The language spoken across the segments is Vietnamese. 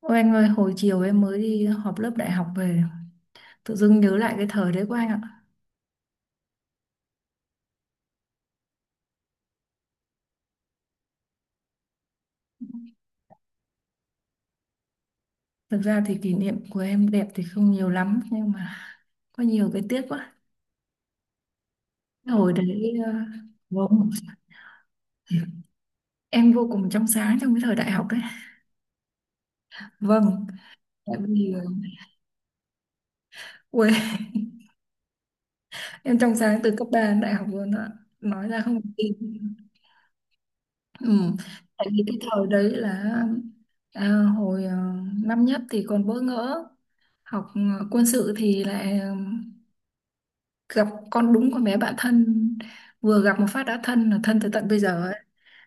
Ôi anh ơi, hồi chiều em mới đi họp lớp đại học về, tự dưng nhớ lại cái thời đấy của anh ạ. Thực ra thì kỷ niệm của em đẹp thì không nhiều lắm, nhưng mà có nhiều cái tiếc quá. Hồi đấy, vâng, em vô cùng trong sáng trong cái thời đại học đấy. Vâng, tại vì, ui, em trong sáng từ cấp 3 đến đại học luôn ạ. Nói ra không tin. Ừ. Tại vì cái thời đấy là à, hồi năm nhất thì còn bỡ ngỡ, học quân sự thì lại gặp con đúng con bé bạn thân, vừa gặp một phát đã thân là thân tới tận bây giờ ấy.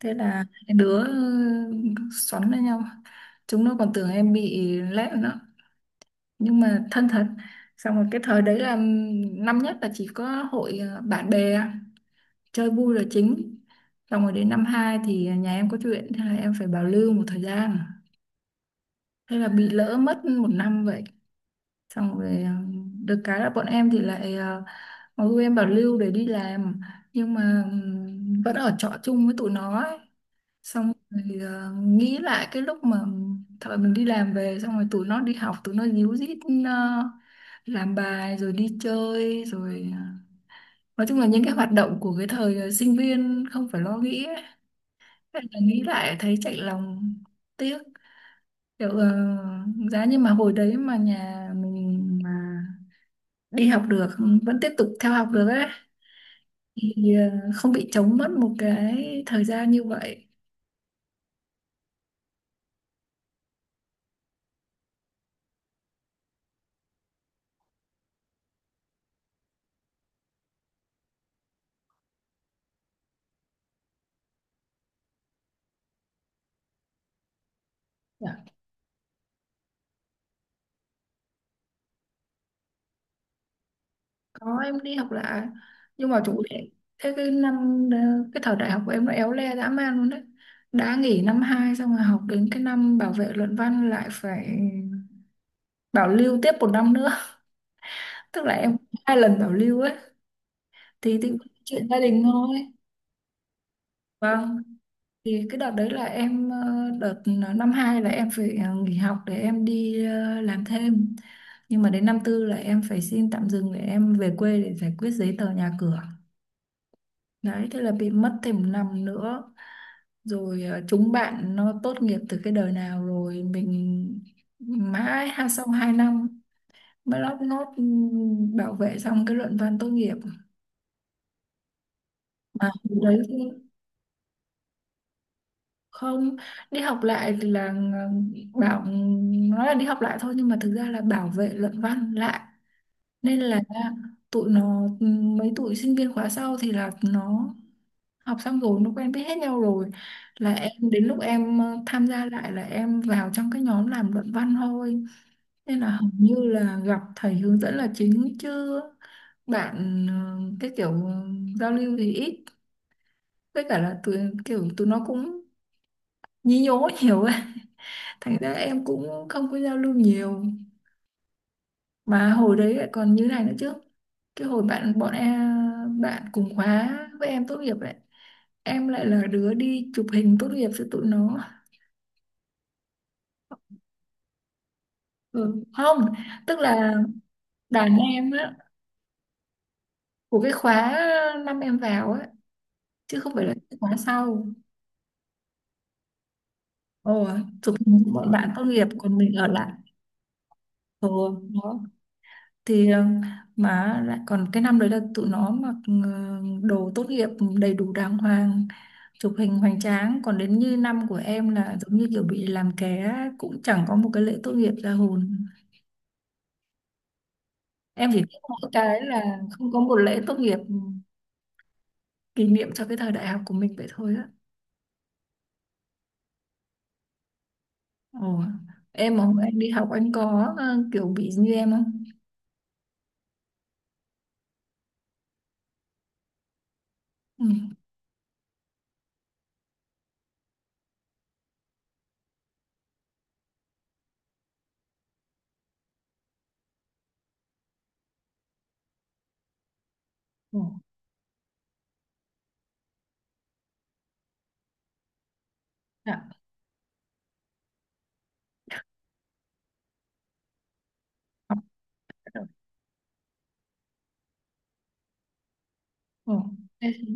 Thế là hai đứa xoắn lên nhau, chúng nó còn tưởng em bị lẹm nữa nhưng mà thân thật. Xong rồi cái thời đấy là năm nhất là chỉ có hội bạn bè, chơi vui là chính. Xong rồi đến năm hai thì nhà em có chuyện, thế là em phải bảo lưu một thời gian, thế là bị lỡ mất một năm vậy. Xong rồi được cái là bọn em thì lại em bảo lưu để đi làm, nhưng mà vẫn ở trọ chung với tụi nó ấy. Xong rồi nghĩ lại cái lúc mà thời mình đi làm về xong rồi tụi nó đi học, tụi nó díu dít ờ, làm bài rồi đi chơi rồi nói chung là những cái hoạt động của cái thời sinh viên không phải lo nghĩ ấy. Thế là nghĩ lại thấy chạnh lòng, tiếc, kiểu giá như mà hồi đấy mà nhà mình mà đi học được, vẫn tiếp tục theo học được ấy, thì không bị trống mất một cái thời gian như vậy. Dạ. Có em đi học lại, nhưng mà chủ đề thế. Cái năm cái thời đại học của em nó éo le dã man luôn đấy, đã nghỉ năm 2 xong rồi học đến cái năm bảo vệ luận văn lại phải bảo lưu tiếp một năm nữa. Tức là em 2 lần bảo lưu ấy, thì chuyện gia đình thôi. Vâng, thì cái đợt đấy là em đợt năm hai là em phải nghỉ học để em đi làm thêm. Nhưng mà đến năm tư là em phải xin tạm dừng để em về quê để giải quyết giấy tờ nhà cửa đấy, thế là bị mất thêm một năm nữa. Rồi chúng bạn nó tốt nghiệp từ cái đời nào rồi mình mãi ha sau 2 năm mới lót nốt, bảo vệ xong cái luận văn tốt nghiệp mà. Đấy, không. Đi học lại thì là bảo, nói là đi học lại thôi nhưng mà thực ra là bảo vệ luận văn lại, nên là tụi nó, mấy tụi sinh viên khóa sau thì là nó học xong rồi nó quen biết hết nhau rồi, là em đến lúc em tham gia lại là em vào trong cái nhóm làm luận văn thôi, nên là hầu như là gặp thầy hướng dẫn là chính chứ bạn, cái kiểu giao lưu thì ít, với cả là tụi, kiểu tụi nó cũng nhí nhố nhiều ấy, thành ra em cũng không có giao lưu nhiều. Mà hồi đấy lại còn như này nữa chứ, cái hồi bạn bọn em bạn cùng khóa với em tốt nghiệp ấy, em lại là đứa đi chụp hình tốt nghiệp cho tụi nó. Ừ. Không, tức là đàn em á, của cái khóa năm em vào á, chứ không phải là cái khóa sau. Ồ, chụp hình cho bọn bạn tốt nghiệp còn mình ở lại. Ừ, đó. Thì mà lại còn cái năm đấy là tụi nó mặc đồ tốt nghiệp đầy đủ đàng hoàng, chụp hình hoành tráng, còn đến như năm của em là giống như kiểu bị làm ké, cũng chẳng có một cái lễ tốt nghiệp ra hồn. Em chỉ biết mỗi cái là không có một lễ tốt nghiệp kỷ niệm cho cái thời đại học của mình vậy thôi á. Ồ. Em mà hôm anh đi học anh có kiểu bị như em không? Ừ. Ồ. Dạ. Học bắt đầu. Ồ. Em thì-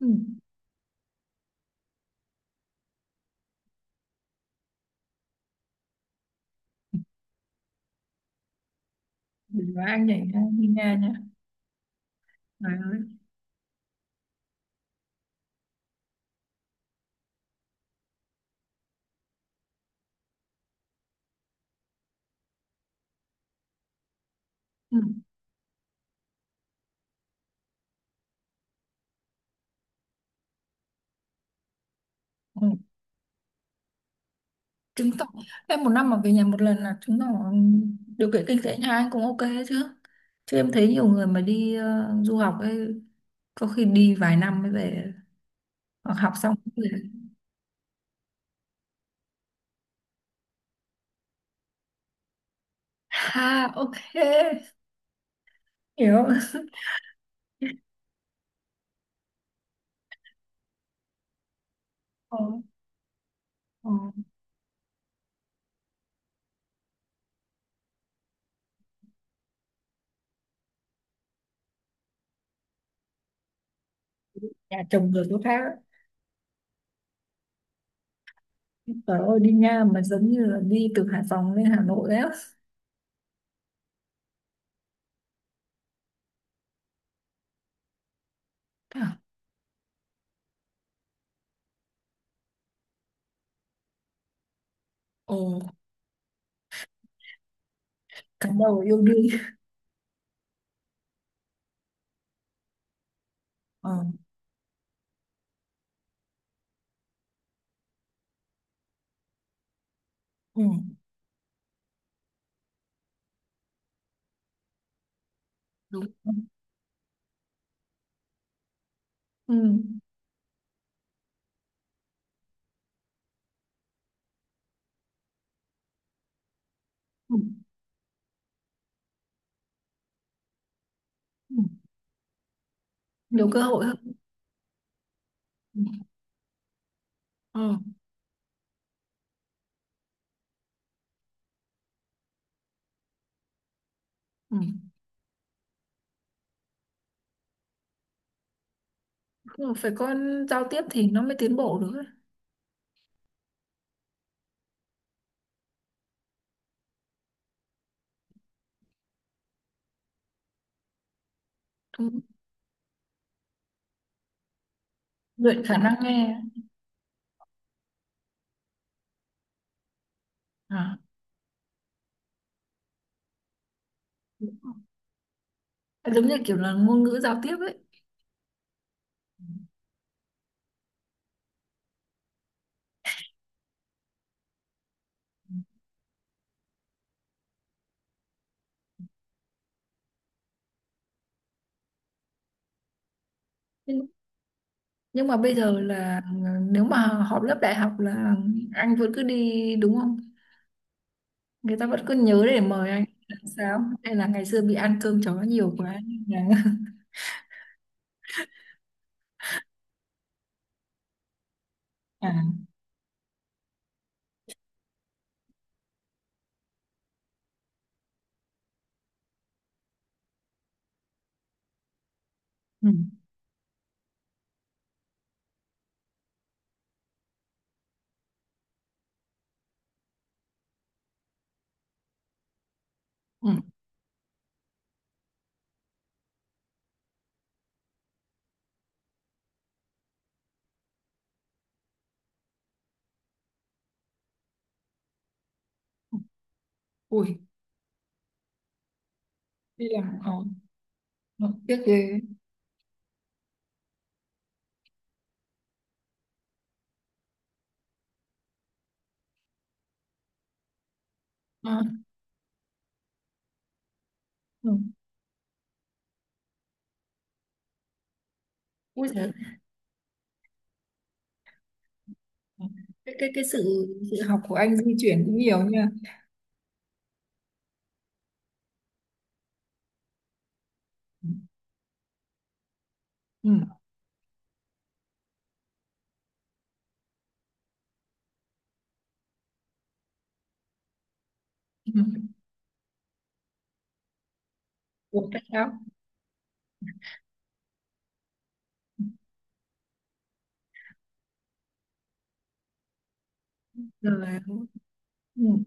Ừ. Đừng nói anh nhảy ra như Nga nhá. Trời ơi. Ừ. Ừ. Chứng tỏ em một năm mà về nhà một lần là chứng tỏ điều kiện kinh tế nhà anh cũng ok chứ. Chứ em thấy nhiều người mà đi du học ấy, có khi đi vài năm mới về, hoặc học xong mới về. Ha, ok, hiểu. Ờ, ờ, nhà chồng người chỗ khác, ấy. Trời ơi, đi Nha mà giống như là đi từ Hải Phòng lên Hà Nội đấy á. À. Ồ, cắm đầu yêu đương. Ờ, ừ, đúng. Ừ, ừ, ừ. Nhiều cơ hội hơn. Ừ, ừ. Ừ. Nhưng mà phải có giao tiếp thì nó mới tiến bộ được ấy. Đúng. Luyện khả năng nghe. À. Đúng. Giống như kiểu là ngôn ngữ giao tiếp ấy. Nhưng nhưng mà bây giờ là, nếu mà họp lớp đại học là anh vẫn cứ đi đúng không, người ta vẫn cứ nhớ để mời anh là sao, hay là ngày xưa bị ăn cơm chó nhiều quá nên là. À, ừ, ừ. Ui, đi làm khó, nó tiếc ghê. À, ừ. Ui giời. Cái sự sự học của anh di chuyển cũng nhiều nha. Ừ. Ừ. Ủa, tại sao? Rồi, ừ.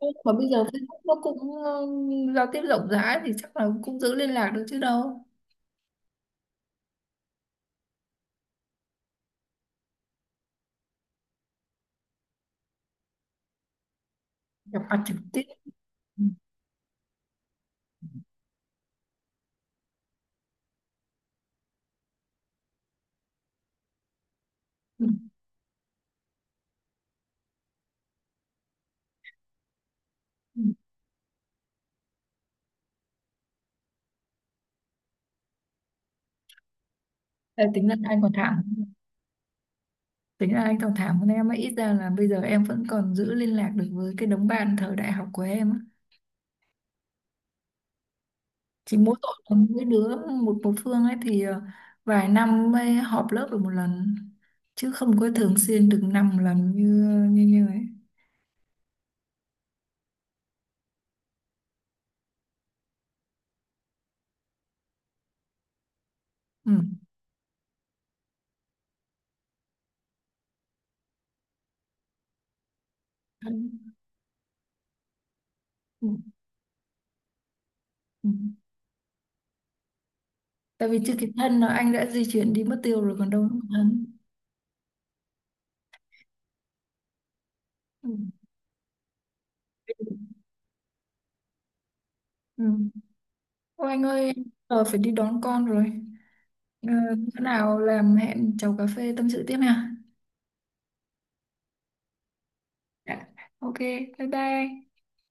Thế mà bây giờ Facebook nó cũng, giao tiếp rộng rãi thì chắc là cũng giữ liên lạc được chứ đâu. Gặp mặt trực tiếp. Ừ, ừ, ừ. Ê, tính là anh còn thảm hơn em ấy, ít ra là bây giờ em vẫn còn giữ liên lạc được với cái đống bạn thời đại học của em á. Chỉ mỗi tội là mỗi đứa một một phương ấy, thì vài năm mới họp lớp được một lần chứ không có thường xuyên được 5 lần như như như ấy. Ừ. Thân. Ừ. Ừ. Tại vì chưa kịp thân là anh đã di chuyển đi mất tiêu rồi còn đâu nữa mà thân. Ừ. Ừ. Ôi anh ơi, em giờ phải đi đón con rồi. Ờ, bữa nào làm hẹn chầu cà phê tâm sự tiếp nha. Dạ. Ok, bye bye.